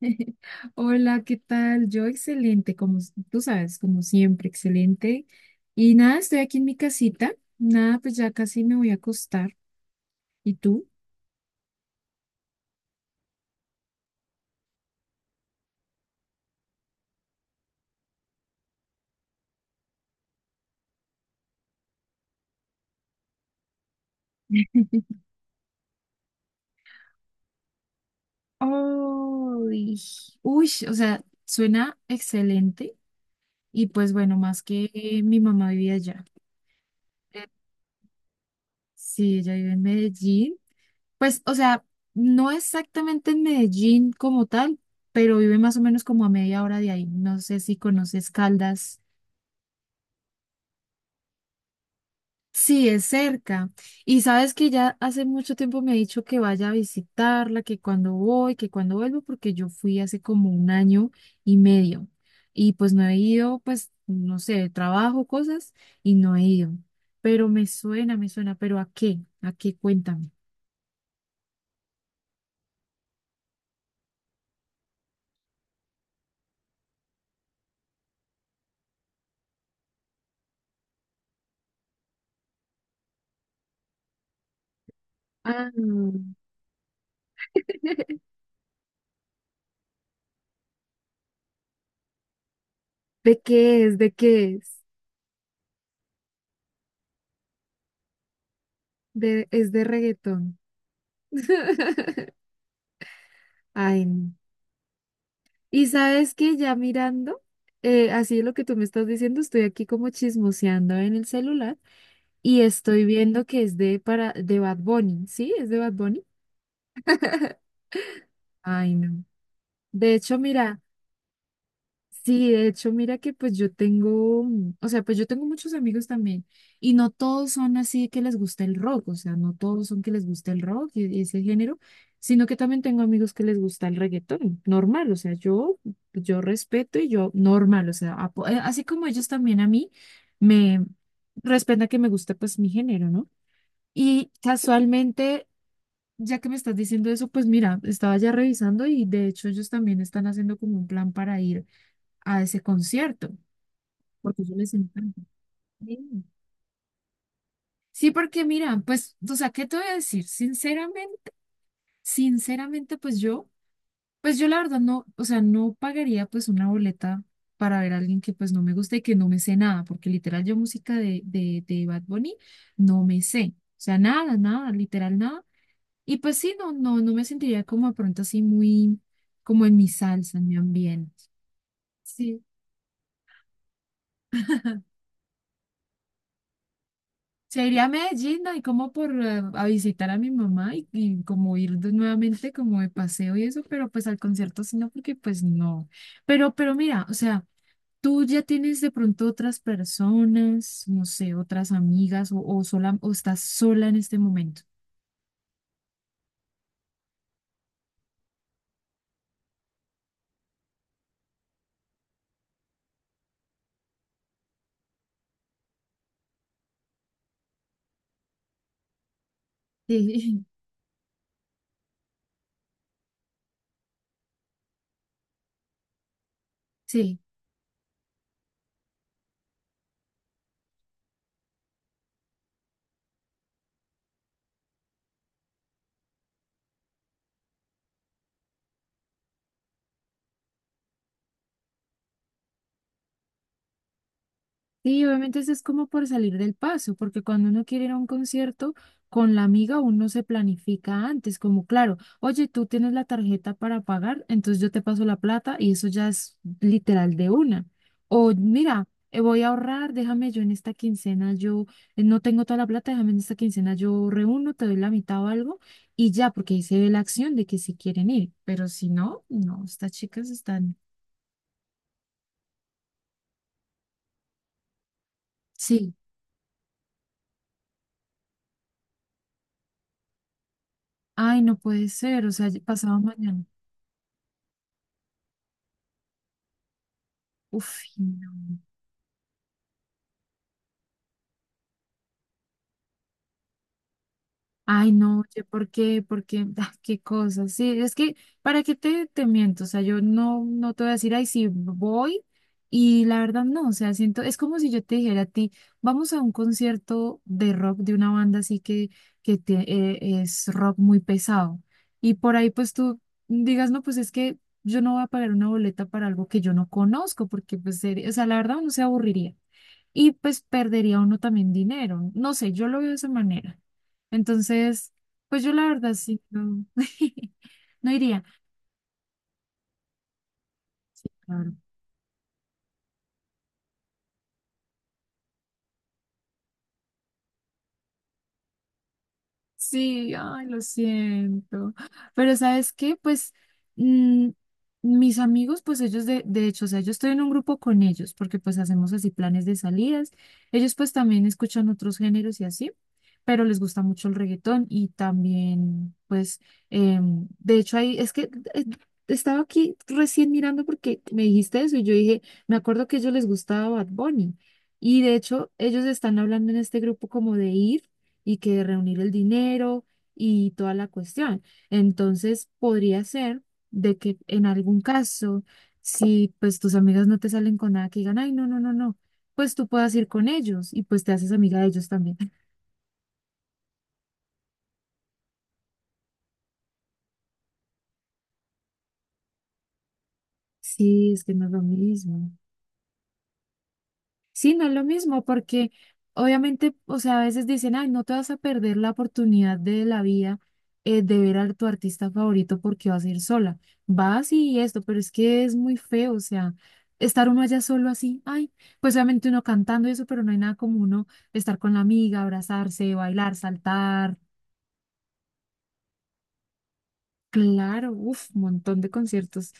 Hola, ¿qué tal? Yo excelente, como tú sabes, como siempre, excelente. Y nada, estoy aquí en mi casita. Nada, pues ya casi me voy a acostar. ¿Y tú? Uy, uy, o sea, suena excelente. Y pues bueno, más que mi mamá vivía allá. Eh, Sí, ella vive en Medellín. Pues, o sea, no exactamente en Medellín como tal, pero vive más o menos como a media hora de ahí. No sé si conoces Caldas. Sí, es cerca. Y sabes que ya hace mucho tiempo me ha dicho que vaya a visitarla, que cuando voy, que cuando vuelvo, porque yo fui hace como un año y medio. Y pues no he ido, pues, no sé, trabajo, cosas, y no he ido. Pero me suena, pero ¿a qué? ¿A qué? Cuéntame. Ah, ¿de qué es? ¿De qué es? Es de reggaetón. Ay, no. Y sabes que ya mirando, así lo que tú me estás diciendo, estoy aquí como chismoseando en el celular y estoy viendo que es de Bad Bunny, ¿sí? ¿Es de Bad Bunny? Ay, no. De hecho, mira. Sí, de hecho, mira que pues yo tengo, o sea, pues yo tengo muchos amigos también y no todos son así que les gusta el rock, o sea, no todos son que les gusta el rock y ese género, sino que también tengo amigos que les gusta el reggaetón, normal, o sea, yo respeto y yo normal, o sea, así como ellos también a mí me respetan que me gusta pues mi género, ¿no? Y casualmente, ya que me estás diciendo eso, pues mira, estaba ya revisando y de hecho ellos también están haciendo como un plan para ir a ese concierto, porque yo les encanta. Sí, sí, porque mira, pues, o sea, ¿qué te voy a decir? Sinceramente, pues yo la verdad no, o sea, no pagaría pues una boleta para ver a alguien que pues no me gusta y que no me sé nada, porque literal yo música de Bad Bunny no me sé, o sea, nada, nada, literal nada. Y pues sí, no me sentiría como de pronto así muy, como en mi salsa, en mi ambiente. Sí. Se iría a Medellín, ¿no? Y como por a visitar a mi mamá y como ir nuevamente como de paseo y eso, pero pues al concierto sí no, porque pues no. Pero mira, o sea, tú ya tienes de pronto otras personas, no sé, otras amigas o sola o estás sola en este momento. Sí, sí. Sí, obviamente eso es como por salir del paso, porque cuando uno quiere ir a un concierto con la amiga, uno se planifica antes, como claro, oye, tú tienes la tarjeta para pagar, entonces yo te paso la plata y eso ya es literal de una. O mira, voy a ahorrar, déjame yo en esta quincena, yo no tengo toda la plata, déjame en esta quincena, yo reúno, te doy la mitad o algo y ya, porque ahí se ve la acción de que si quieren ir, pero si no, no, estas chicas están, sí, ay, no puede ser, o sea, pasado mañana. Uf, sí, no. Ay, no, oye, ¿por qué? ¿Por qué? Ah, qué cosas. Sí, es que, ¿para qué te miento? O sea, yo no te voy a decir, ay, sí, voy. Y la verdad, no, o sea, siento, es como si yo te dijera a ti, vamos a un concierto de rock de una banda así que es rock muy pesado. Y por ahí, pues tú digas, no, pues es que yo no voy a pagar una boleta para algo que yo no conozco, porque, pues, o sea, la verdad, uno se aburriría. Y pues perdería uno también dinero. No sé, yo lo veo de esa manera. Entonces, pues yo la verdad sí, no, no iría. Claro. Sí, ay, lo siento. Pero ¿sabes qué? Pues mm, mis amigos, pues ellos de hecho, o sea, yo estoy en un grupo con ellos porque pues hacemos así planes de salidas. Ellos pues también escuchan otros géneros y así, pero les gusta mucho el reggaetón y también pues, de hecho ahí, es que eh, estaba aquí recién mirando porque me dijiste eso y yo dije, me acuerdo que a ellos les gustaba Bad Bunny. Y de hecho, ellos están hablando en este grupo como de ir y que reunir el dinero y toda la cuestión. Entonces, podría ser de que en algún caso, si pues tus amigas no te salen con nada que digan, ay, no, no, no, no, pues tú puedas ir con ellos y pues te haces amiga de ellos también. Sí, es que no es lo mismo. Sí, no es lo mismo, porque obviamente, o sea, a veces dicen, ay, no te vas a perder la oportunidad de la vida de ver a tu artista favorito porque vas a ir sola. Vas y esto, pero es que es muy feo, o sea, estar uno allá solo así, ay, pues obviamente uno cantando y eso, pero no hay nada como uno estar con la amiga, abrazarse, bailar, saltar, claro, uf, un montón de conciertos.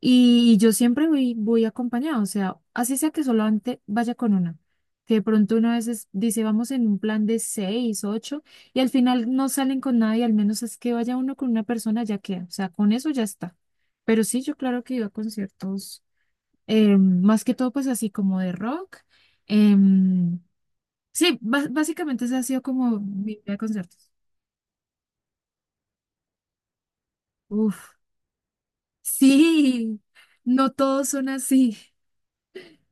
Y yo siempre voy acompañada, o sea, así sea que solamente vaya con una. Que de pronto uno a veces dice, vamos en un plan de seis, ocho, y al final no salen con nadie, al menos es que vaya uno con una persona, ya queda. O sea, con eso ya está. Pero sí, yo claro que iba a conciertos, más que todo, pues así como de rock. em, sí, básicamente ese ha sido como mi vida de conciertos. Uf, sí. No todos son así.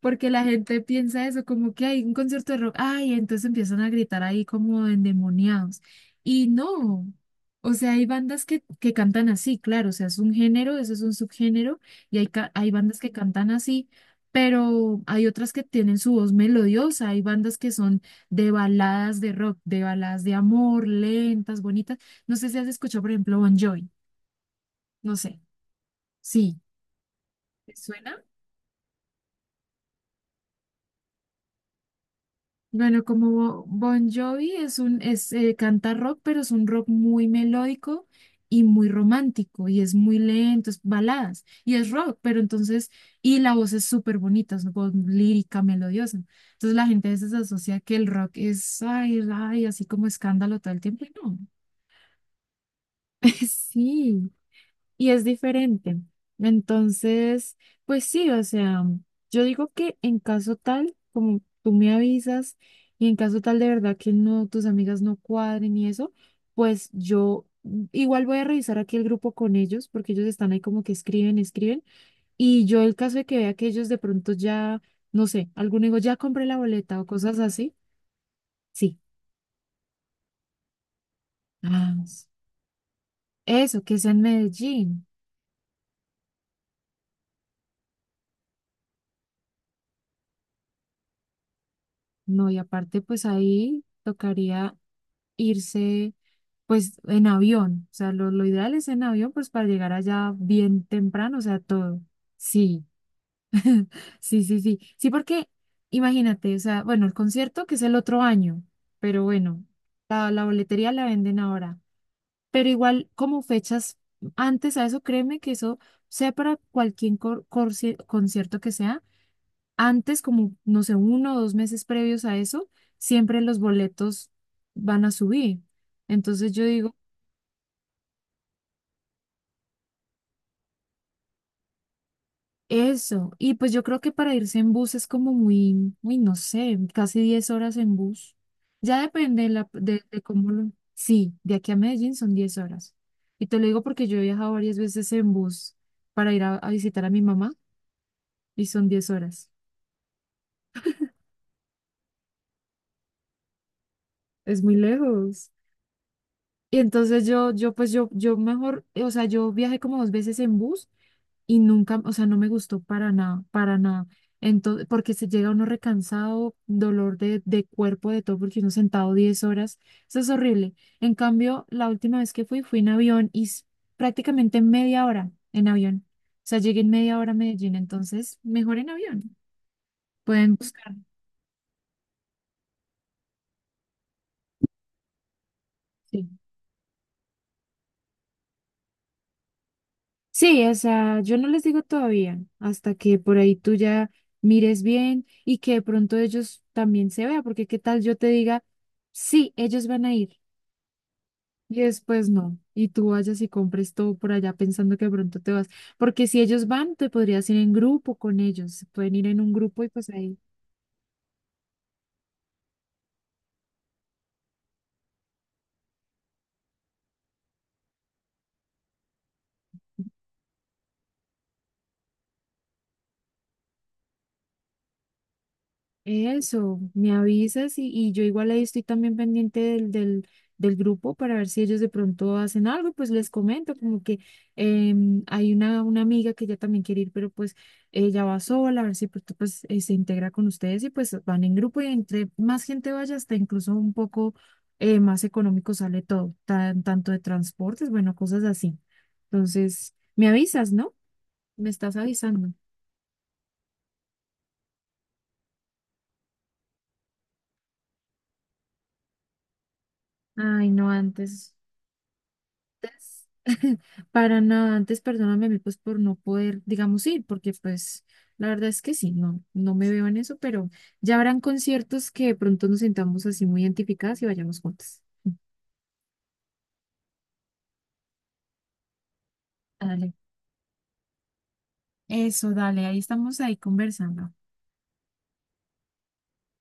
Porque la gente piensa eso, como que hay un concierto de rock, ay, entonces empiezan a gritar ahí como endemoniados. Y no, o sea, hay bandas que cantan así, claro, o sea, es un género, eso es un subgénero, y hay bandas que cantan así, pero hay otras que tienen su voz melodiosa, hay bandas que son de baladas de rock, de baladas de amor, lentas, bonitas. No sé si has escuchado, por ejemplo, Bon Jovi, no sé, sí, ¿te suena? Bueno, como Bon Jovi canta rock, pero es un rock muy melódico y muy romántico, y es muy lento, es baladas, y es rock, pero entonces, y la voz es súper bonita, es una voz lírica, melodiosa. Entonces la gente a veces asocia que el rock es, ay, ay, así como escándalo todo el tiempo, y no, sí y es diferente. Entonces, pues sí, o sea, yo digo que en caso tal, como tú me avisas, y en caso tal de verdad que no, tus amigas no cuadren y eso, pues yo igual voy a revisar aquí el grupo con ellos, porque ellos están ahí como que escriben, escriben, y yo el caso de que vea que ellos de pronto ya, no sé, alguno digo, ya compré la boleta o cosas así, sí. Ah, eso, que sea en Medellín. No, y aparte, pues ahí tocaría irse, pues en avión. O sea, lo ideal es en avión, pues para llegar allá bien temprano, o sea, todo. Sí, sí, sí, sí. Sí, porque imagínate, o sea, bueno, el concierto que es el otro año, pero bueno, la boletería la venden ahora. Pero igual, como fechas antes a eso, créeme que eso sea para cualquier concierto que sea antes, como, no sé, uno o dos meses previos a eso, siempre los boletos van a subir. Entonces yo digo, eso. Y pues yo creo que para irse en bus es como muy, muy, no sé, casi 10 horas en bus. Ya depende de cómo lo... Sí, de aquí a Medellín son 10 horas. Y te lo digo porque yo he viajado varias veces en bus para ir a visitar a mi mamá y son 10 horas. Es muy lejos. Y entonces yo mejor, o sea, yo viajé como dos veces en bus y nunca, o sea, no me gustó para nada, para nada. Entonces, porque se llega uno recansado, dolor de cuerpo, de todo, porque uno sentado 10 horas, eso es horrible. En cambio, la última vez que fui, fui en avión y prácticamente media hora en avión. O sea, llegué en media hora a Medellín, entonces mejor en avión. Pueden buscar. Sí, sí, o sea, yo no les digo todavía, hasta que por ahí tú ya mires bien y que de pronto ellos también se vean, porque qué tal yo te diga, sí, ellos van a ir. Y después no. Y tú vayas y compres todo por allá pensando que de pronto te vas. Porque si ellos van, te podrías ir en grupo con ellos. Pueden ir en un grupo y pues ahí. Eso, me avisas y yo igual ahí estoy también pendiente del grupo para ver si ellos de pronto hacen algo, pues les comento como que hay una amiga que ella también quiere ir, pero pues ella va sola, a ver si pronto, pues se integra con ustedes y pues van en grupo y entre más gente vaya, hasta incluso un poco más económico sale todo, tanto de transportes, bueno, cosas así. Entonces, me avisas, ¿no? Me estás avisando. Ay, no, antes. Antes, para nada, antes perdóname a mí pues por no poder, digamos, ir, porque pues la verdad es que sí, no me veo en eso, pero ya habrán conciertos que de pronto nos sentamos así muy identificadas y vayamos juntas. Dale. Eso, dale, ahí estamos ahí conversando.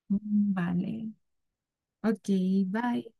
Vale. Ok, bye.